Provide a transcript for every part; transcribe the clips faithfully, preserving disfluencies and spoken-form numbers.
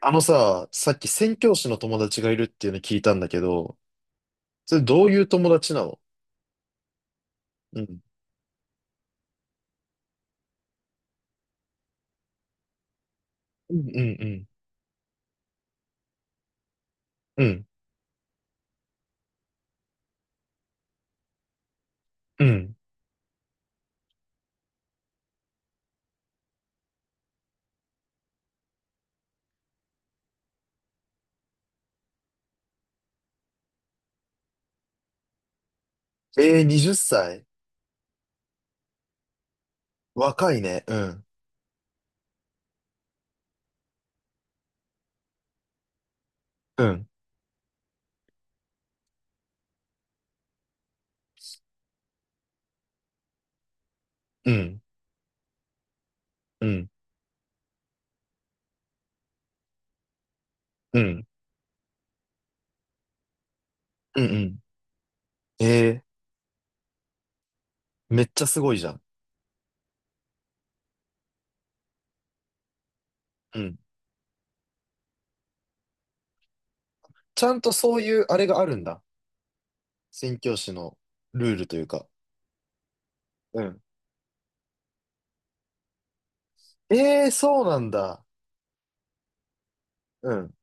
あのさ、さっき宣教師の友達がいるっていうの聞いたんだけど、それどういう友達なの？うん。うんうんうん。うん。うん。えー、にじゅっさい？若いね。うん。うん。うん。うん。うん。うん。うん。えー、めっちゃすごいじゃん。うん。ちゃんとそういうあれがあるんだ。宣教師のルールというか。うん。えー、そうなんだ。うん。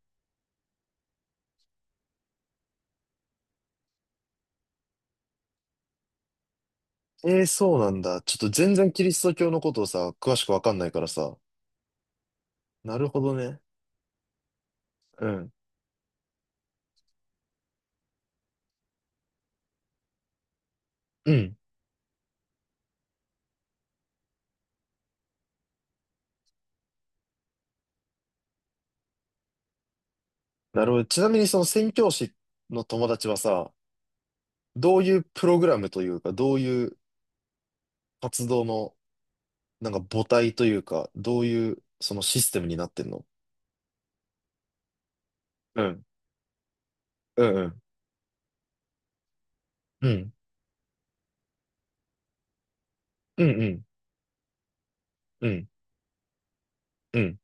えー、そうなんだ。ちょっと全然キリスト教のことをさ、詳しくわかんないからさ。なるほどね。うん。うん。なるほど。ちなみにその宣教師の友達はさ、どういうプログラムというか、どういう活動の、なんか母体というか、どういうそのシステムになってんの？うん。うんうん。うん。うんうん。うん。うん。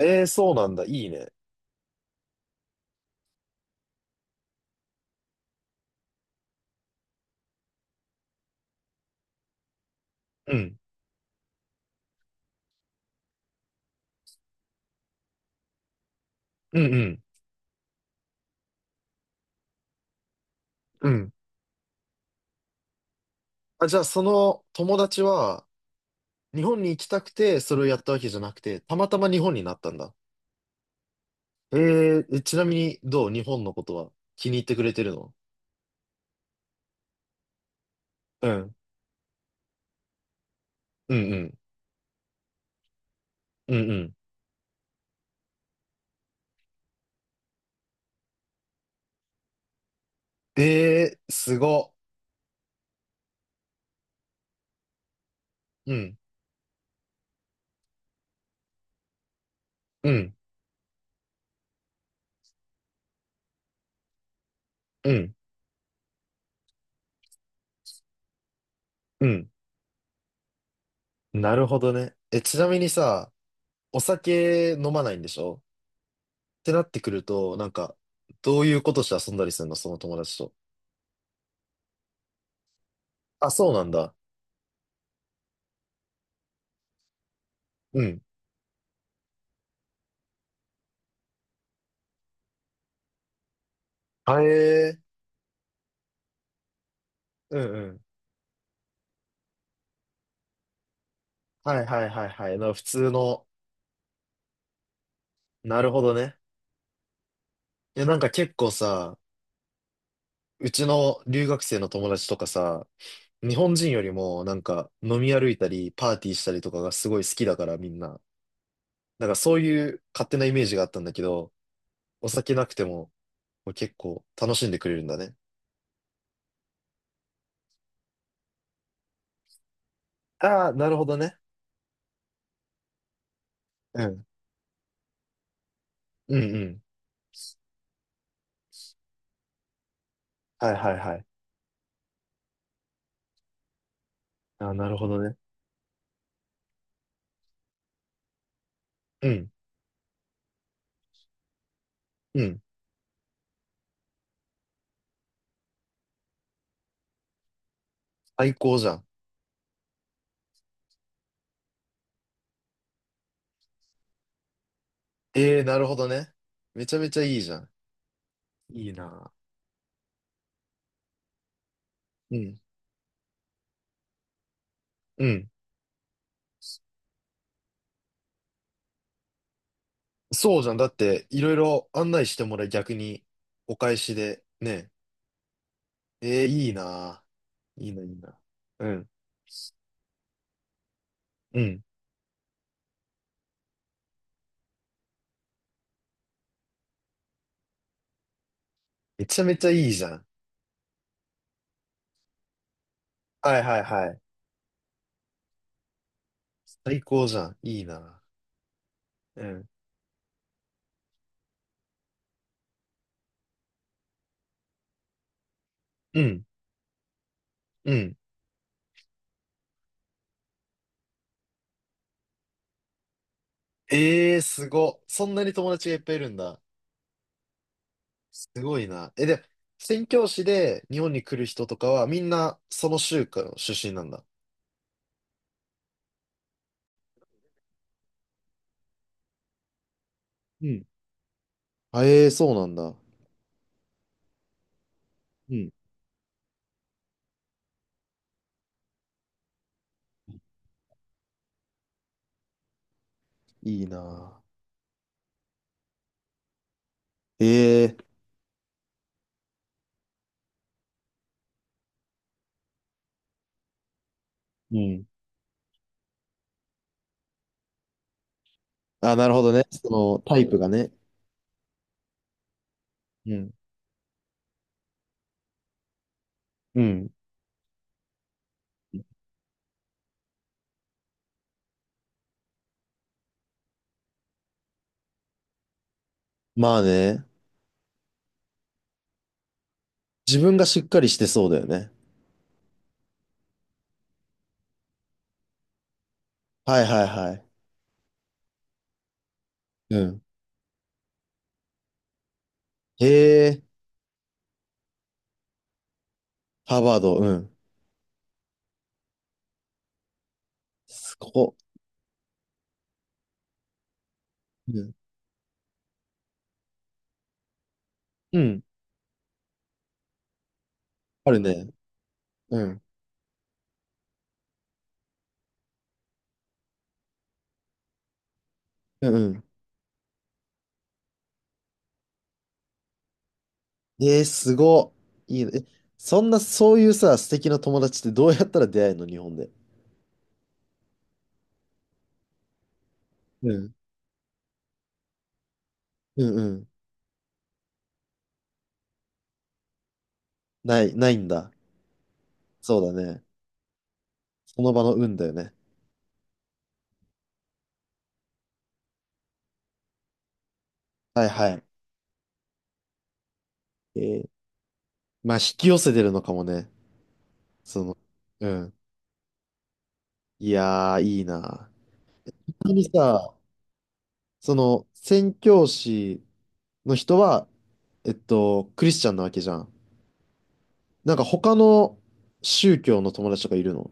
ええ、そうなんだ。いいね。うん。うんうん。うん。あ、じゃあその友達は、日本に行きたくて、それをやったわけじゃなくて、たまたま日本になったんだ。ええ、えちなみにどう？日本のことは気に入ってくれてるの？うん。うんうん。うんうん。えー、すご。うん、うん、うん、うん。なるほどね。え、ちなみにさ、お酒飲まないんでしょ？ってなってくると、なんか、どういうことして遊んだりするの、その友達と。あ、そうなんだ。うん。あえー、うんうん。はいはいはいはい。な普通の、なるほどね。いや、なんか結構さ、うちの留学生の友達とかさ、日本人よりもなんか飲み歩いたり、パーティーしたりとかがすごい好きだからみんな。なんかそういう勝手なイメージがあったんだけど、お酒なくてももう結構楽しんでくれるんだね。ああ、なるほどね。うん。うんうん。はいはいはい。ああ、なるほどね。うん。うん。最高じゃん。ええー、なるほどね。めちゃめちゃいいじゃん。いいな。うん。うん。そうじゃん。だって、いろいろ案内してもらい、逆に、お返しで、ね。ええー、いいな。いいな、いいな。うん。うん。めちゃめちゃいいじゃん。はいはいはい。最高じゃん。いいな。うんうん、うん。ええすご。そんなに友達がいっぱいいるんだ。すごいな。え、で、宣教師で日本に来る人とかはみんなその州からの出身なんだ。うん。あ、ええそうなんだ。うん。いいなぁ。ええうん。あ、なるほどね。そのタイプがね。うん。うん。まあね。自分がしっかりしてそうだよね。はいはいはい。うん。へえ、ハーバード、うん。すここ。うん。うん。あるね。うん。うん。えー、すごいいいね。え、そんな、そういうさ、素敵な友達ってどうやったら出会えるの、日本で？うん。うんうん。ない、ないんだ。そうだね。その場の運だよね。はいはい。えー、まあ、引き寄せてるのかもね。その、うん。いやー、いいな。本当にさ、その、宣教師の人は、えっと、クリスチャンなわけじゃん。なんか他の宗教の友達とかいるの？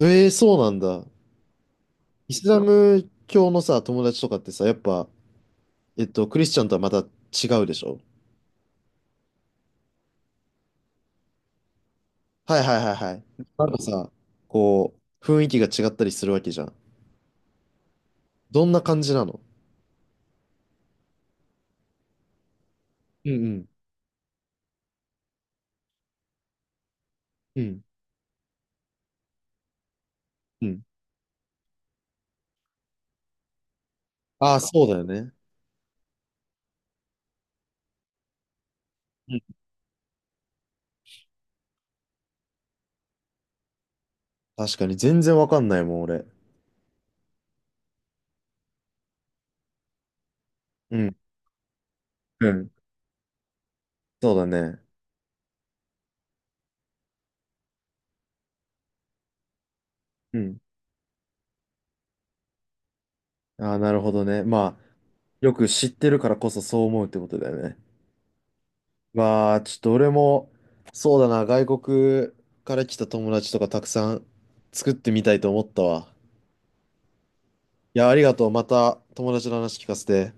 えー、そうなんだ。イスラム教のさ、友達とかってさ、やっぱ、えっと、クリスチャンとはまた違うでしょ？はいはいはいはい。なんかさ、こう、雰囲気が違ったりするわけじゃん。どんな感じなの？うんうんうんうん。ああ、そうだよね。うん。確かに、全然わかんないもん、俺。うん。うん。そうだね。うん。ああ、なるほどね。まあ、よく知ってるからこそそう思うってことだよね。まあ、ちょっと俺も、そうだな、外国から来た友達とかたくさん作ってみたいと思ったわ。いや、ありがとう。また友達の話聞かせて。